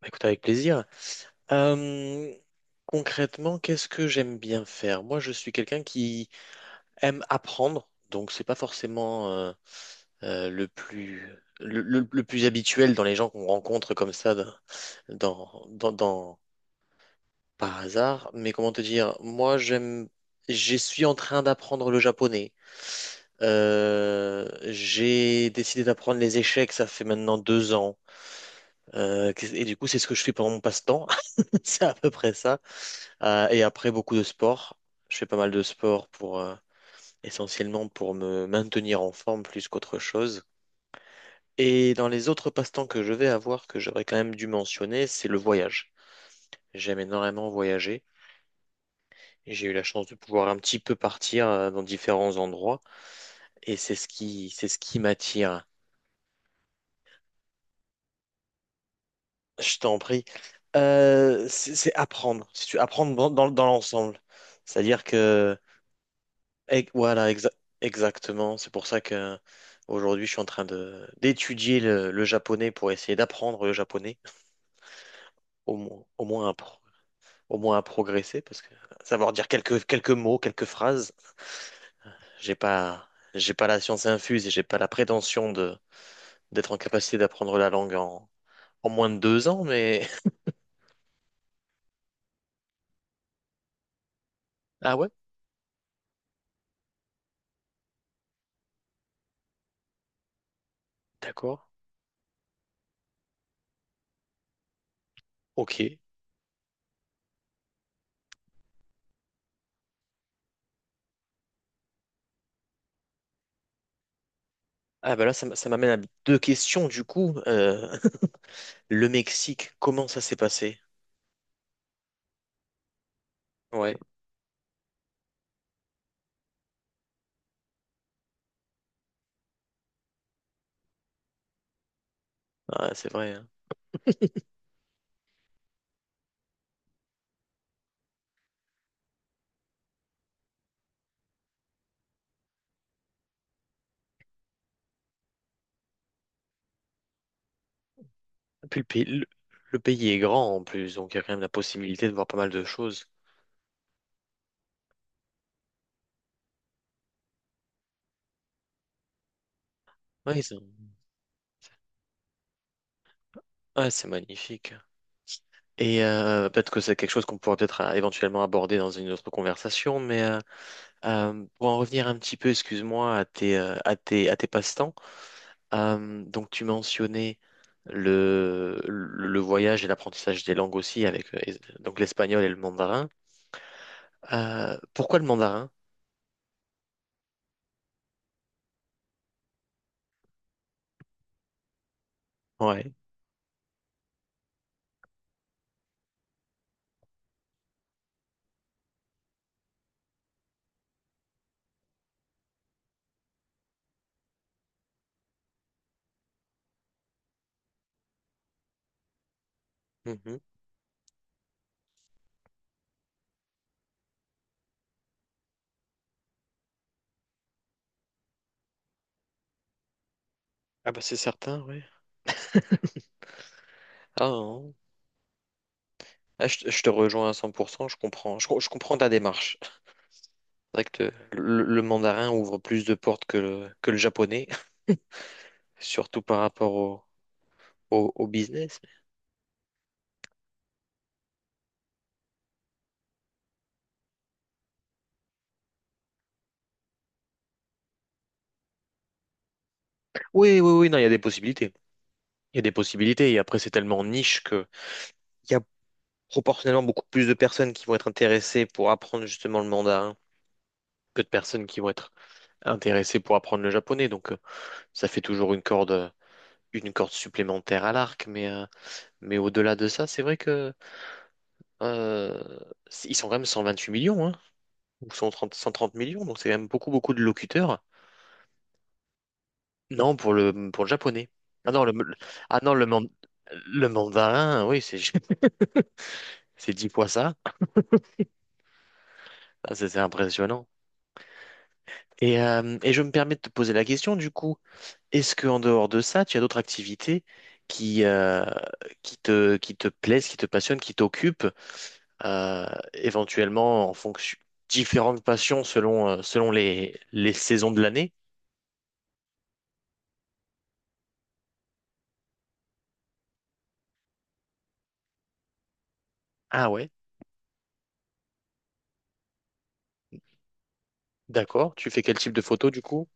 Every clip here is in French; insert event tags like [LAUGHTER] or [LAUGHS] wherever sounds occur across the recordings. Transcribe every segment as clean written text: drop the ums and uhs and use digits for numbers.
Bah, écoute, avec plaisir. Euh, concrètement, qu'est-ce que j'aime bien faire? Moi, je suis quelqu'un qui aime apprendre, donc c'est pas forcément euh, le plus le plus habituel dans les gens qu'on rencontre comme ça dans dans, dans- par hasard, mais comment te dire, moi j'aime, je suis en train d'apprendre le japonais. J'ai décidé d'apprendre les échecs, ça fait maintenant 2 ans. Et du coup, c'est ce que je fais pendant mon passe-temps. [LAUGHS] C'est à peu près ça. Et après, beaucoup de sport. Je fais pas mal de sport pour, essentiellement pour me maintenir en forme plus qu'autre chose. Et dans les autres passe-temps que je vais avoir, que j'aurais quand même dû mentionner, c'est le voyage. J'aime énormément voyager. Et j'ai eu la chance de pouvoir un petit peu partir dans différents endroits et c'est ce qui m'attire. Je t'en prie. C'est apprendre. Si tu apprendre dans l'ensemble, c'est-à-dire que voilà exactement. C'est pour ça que aujourd'hui je suis en train de d'étudier le japonais pour essayer d'apprendre le japonais au moins au moins à, pro- au moins à progresser parce que savoir dire quelques mots, quelques phrases, j'ai pas j'ai pas la science infuse et j'ai pas la prétention d'être en capacité d'apprendre la langue en moins de 2 ans, mais. [LAUGHS] Ah ouais? D'accord. Ok. Ah bah là, ça m'amène à deux questions du coup. [LAUGHS] Le Mexique, comment ça s'est passé? Ouais, ah, c'est vrai, hein. Et puis le pays, le pays est grand en plus, donc il y a quand même la possibilité de voir pas mal de choses. Ouais, c'est ouais, c'est magnifique. Peut-être que c'est quelque chose qu'on pourrait peut-être éventuellement aborder dans une autre conversation, mais pour en revenir un petit peu, excuse-moi, à tes passe-temps. Donc tu mentionnais le voyage et l'apprentissage des langues aussi avec donc l'espagnol et le mandarin. Pourquoi le mandarin? Ouais. Mhm. Ah bah c'est certain, ouais. Ah, non. Ah, je te rejoins à 100%, je comprends. Je comprends ta démarche. C'est vrai que le mandarin ouvre plus de portes que que le japonais, [LAUGHS] surtout par rapport au business. Oui, oui, oui, non, il y a des possibilités. Il y a des possibilités et après c'est tellement niche que. Il y a proportionnellement beaucoup plus de personnes qui vont être intéressées pour apprendre justement le mandarin que de personnes qui vont être intéressées pour apprendre le japonais. Donc, ça fait toujours une corde, une corde supplémentaire à l'arc. Mais au-delà de ça, c'est vrai que euh, ils sont quand même 128 millions, hein, ou 130 millions. Donc c'est quand même beaucoup, beaucoup de locuteurs. Non, pour le japonais. Ah non, le, le- ah non, le, man- le mandarin, oui, c'est [LAUGHS] c'est 10 fois ça. Ah, c'est impressionnant. Et je me permets de te poser la question, du coup, est-ce que en dehors de ça, tu as d'autres activités qui, euh, qui te plaisent, qui te passionnent, qui t'occupent, euh, éventuellement en fonction différentes passions selon les saisons de l'année? Ah ouais, d'accord. Tu fais quel type de photo du coup?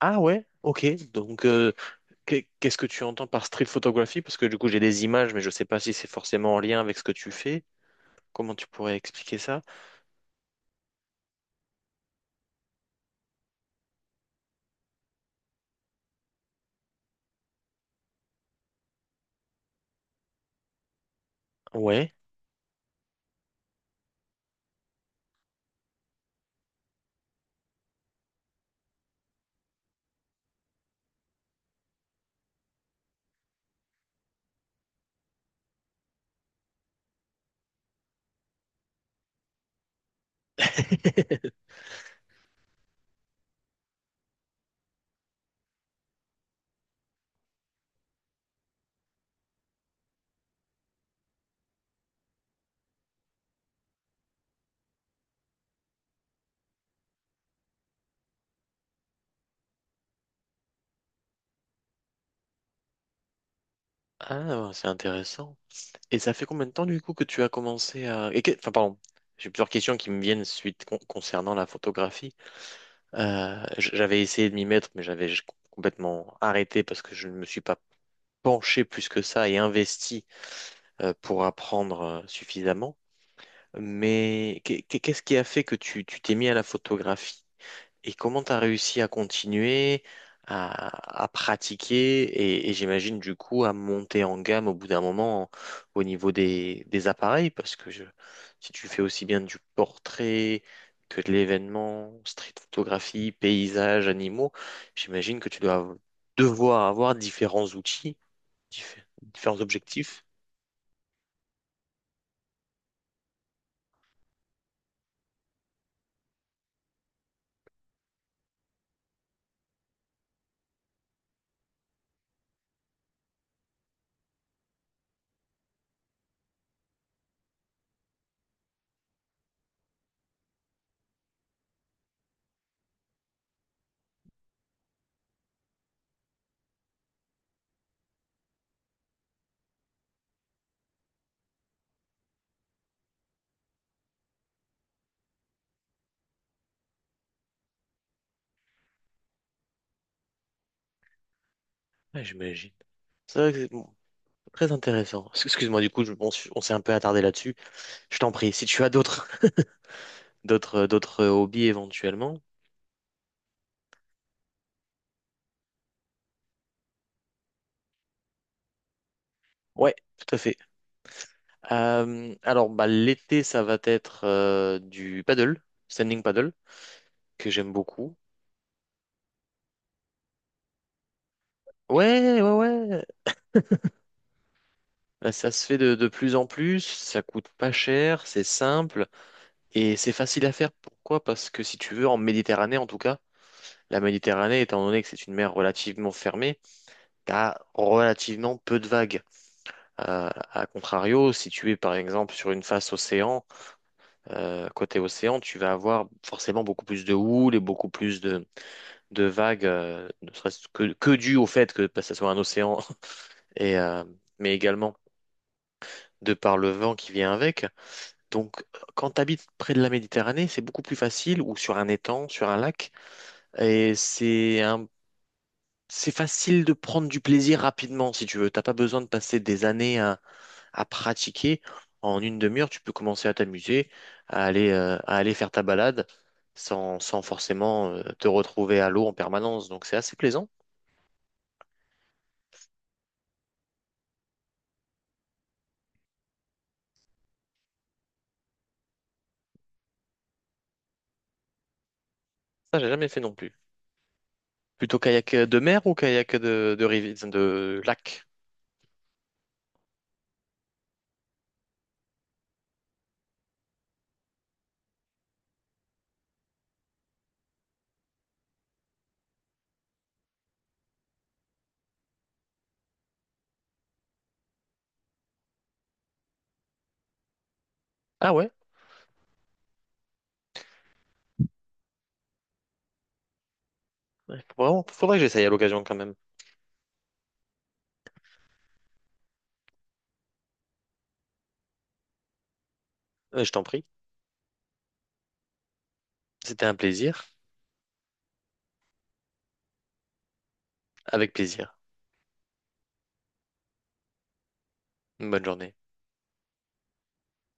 Ah ouais, ok. Donc, qu'est-ce que tu entends par street photography? Parce que du coup, j'ai des images, mais je sais pas si c'est forcément en lien avec ce que tu fais. Comment tu pourrais expliquer ça? Ouais. [LAUGHS] Ah, c'est intéressant. Et ça fait combien de temps du coup que tu as commencé à. Enfin, pardon, j'ai plusieurs questions qui me viennent suite concernant la photographie. J'avais essayé de m'y mettre, mais j'avais complètement arrêté parce que je ne me suis pas penché plus que ça et investi pour apprendre suffisamment. Mais qu'est-ce qui a fait que tu t'es mis à la photographie? Et comment tu as réussi à continuer, à pratiquer et j'imagine du coup à monter en gamme au bout d'un moment au niveau des appareils parce que si tu fais aussi bien du portrait que de l'événement, street photographie, paysages, animaux, j'imagine que tu dois devoir avoir différents outils, différents objectifs. Ouais, j'imagine. C'est vrai que Très intéressant. Excuse-moi, du coup, on s'est un peu attardé là-dessus. Je t'en prie, si tu as d'autres [LAUGHS] d'autres hobbies éventuellement. Ouais, tout à fait. Alors, bah, l'été, ça va être du paddle, standing paddle, que j'aime beaucoup. Ouais, ouais, ouais. Bah, ça se fait de plus en plus, ça coûte pas cher, c'est simple et c'est facile à faire. Pourquoi? Parce que si tu veux, en Méditerranée en tout cas, la Méditerranée, étant donné que c'est une mer relativement fermée, t'as relativement peu de vagues. À contrario, si tu es par exemple sur une face océan, côté océan, tu vas avoir forcément beaucoup plus de houle et beaucoup plus de vagues, ne serait-ce que dû au fait que bah, ça soit un océan, [LAUGHS] et, euh, mais également de par le vent qui vient avec. Donc, quand tu habites près de la Méditerranée, c'est beaucoup plus facile, ou sur un étang, sur un lac, et c'est facile de prendre du plaisir rapidement, si tu veux. T'as pas besoin de passer des années à pratiquer. En une demi-heure, tu peux commencer à t'amuser, à aller faire ta balade sans forcément te retrouver à l'eau en permanence. Donc c'est assez plaisant. Ça, j'ai jamais fait non plus. Plutôt kayak de mer ou kayak de lac? Ah ouais? Ouais, faudrait que j'essaye à l'occasion quand même. Je t'en prie. C'était un plaisir. Avec plaisir. Bonne journée.